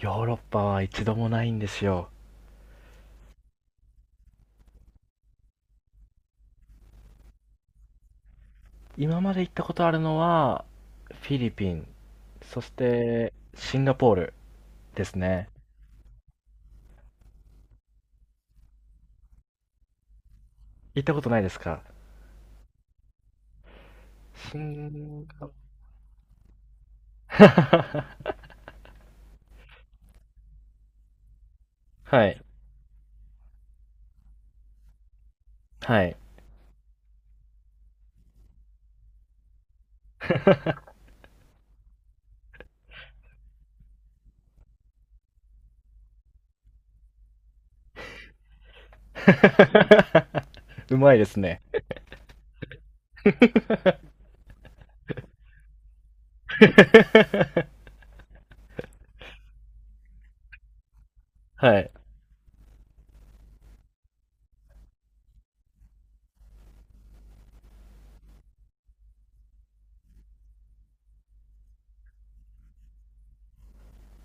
ヨーロッパは一度もないんですよ。今まで行ったことあるのは、フィリピン、そしてシンガポールですね。行ったことないですか？シンガ はい、はい。うまいですね。はい。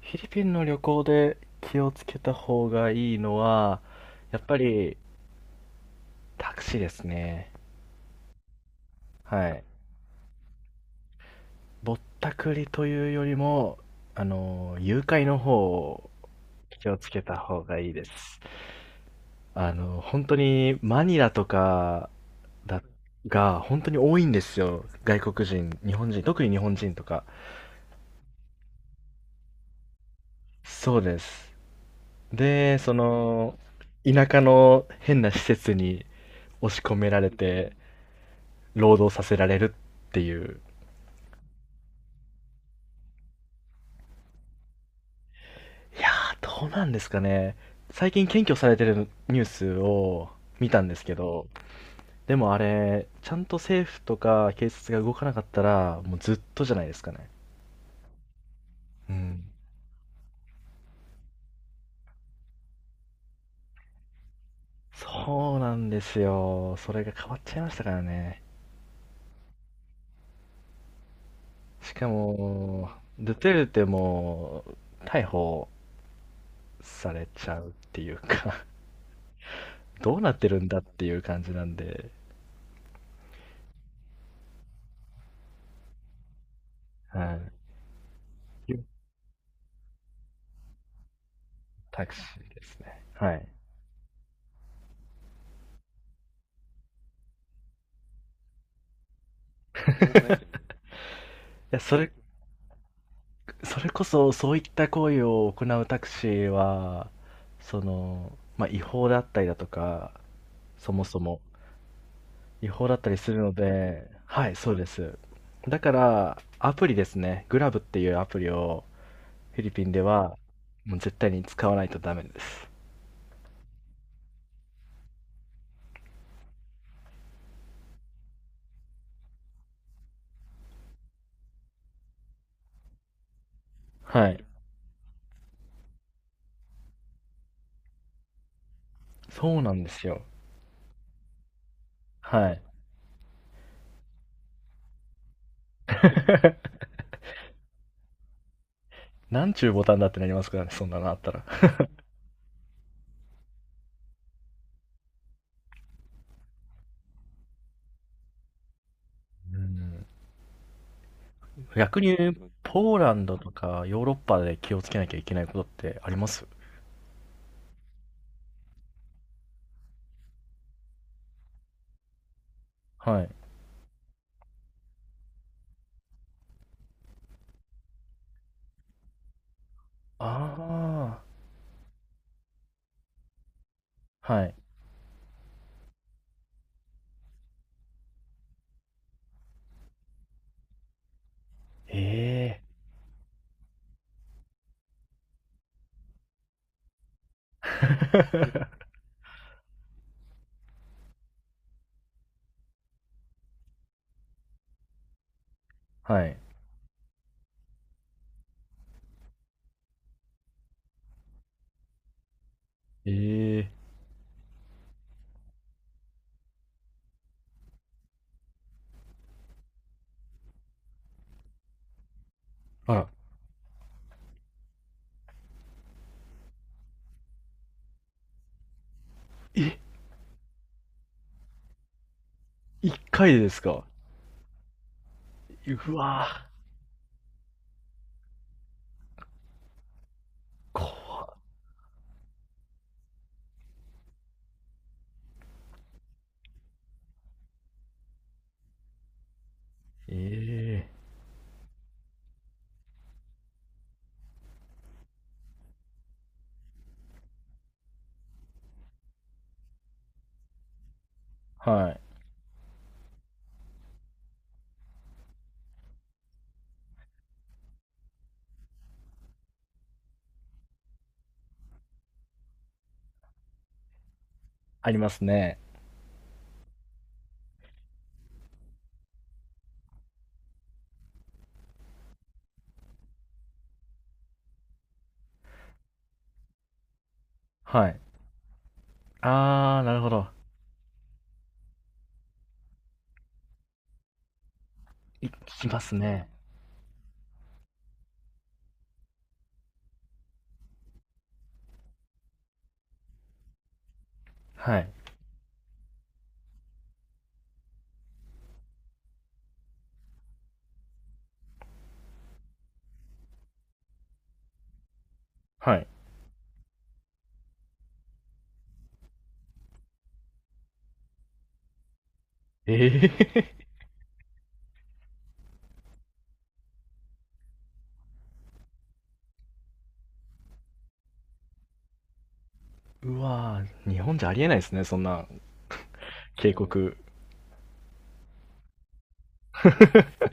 フィリピンの旅行で気をつけた方がいいのは、やっぱりタクシーですね。はい。ぼったくりというよりも、誘拐の方を気をつけた方がいいです。本当にマニラとかだ、が本当に多いんですよ。外国人、日本人、特に日本人とか。そうです。で、田舎の変な施設に押し込められて、労働させられるっていう。いやー、どうなんですかね。最近検挙されてるニュースを見たんですけど、でもあれ、ちゃんと政府とか警察が動かなかったら、もうずっとじゃないですかね。うん。そうなんですよ。それが変わっちゃいましたからね。しかも、ドゥテルテも逮捕されちゃうっていうか どうなってるんだっていう感じなんで、はい。タクシーですね。はい。いや、それ、それこそそういった行為を行うタクシーは、その、まあ、違法だったりだとか、そもそも、違法だったりするので、はい、そうです。だから、アプリですね。グラブっていうアプリをフィリピンでは、もう絶対に使わないとダメです。はい。そうなんですよ。はい。なんちゅうボタンだってなりますからね、そんなのあったら。うん。逆に、ポーランドとかヨーロッパで気をつけなきゃいけないことってあります？はい。ああ、はい。ええ はい。ええあら、え、一回でですか？うわー怖っええはい。ありますね。はい。あー、なるほど。い聞きますね。はい。はい。ええ うわー日本じゃありえないですね、そんな警告。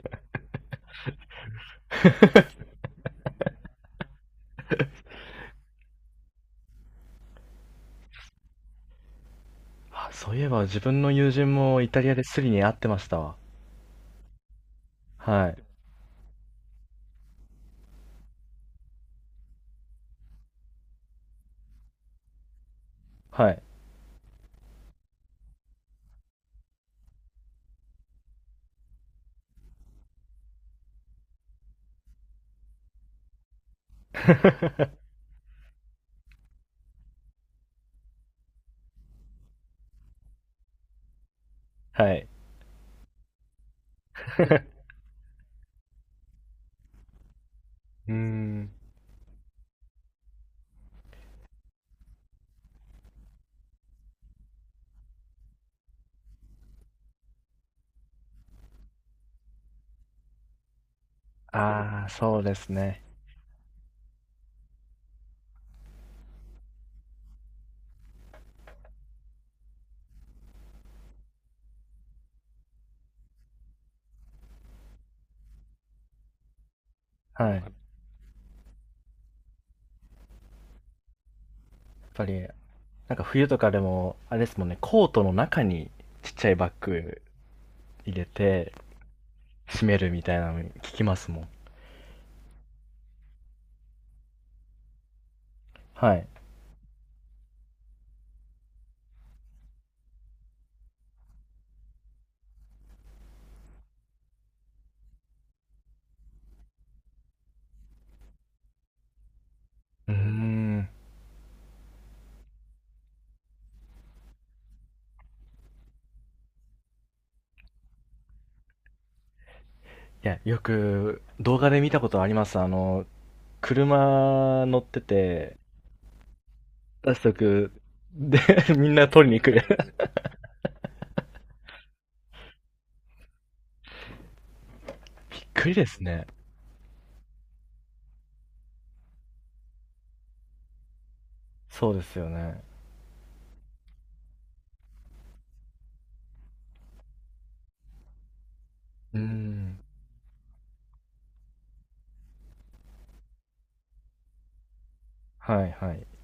あ、そういえば自分の友人もイタリアでスリに会ってましたわ。はい。はい。はい。うーん。あー、そうですね。はい。やっぱり、なんか冬とかでも、あれですもんね、コートの中にちっちゃいバッグ入れて、閉めるみたいなの聞きますもん。はい。うーん。いや、よく動画で見たことあります。車乗ってて、出しとく。で、みんな取りに来る。びっくりですね。そうですよね。うーん。はいはい。い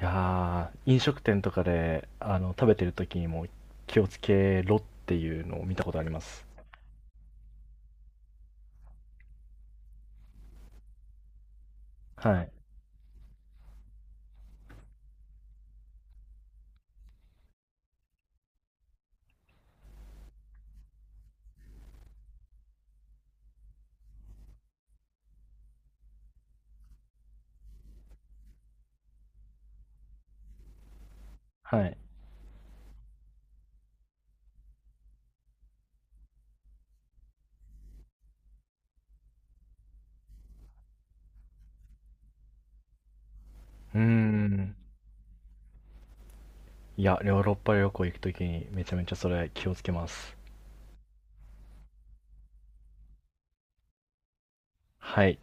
やー、飲食店とかで、食べてる時にも気をつけろっていうのを見たことあります。はい。はい。うーん。いや、ヨーロッパ旅行行くときにめちゃめちゃそれ気をつけます。はい。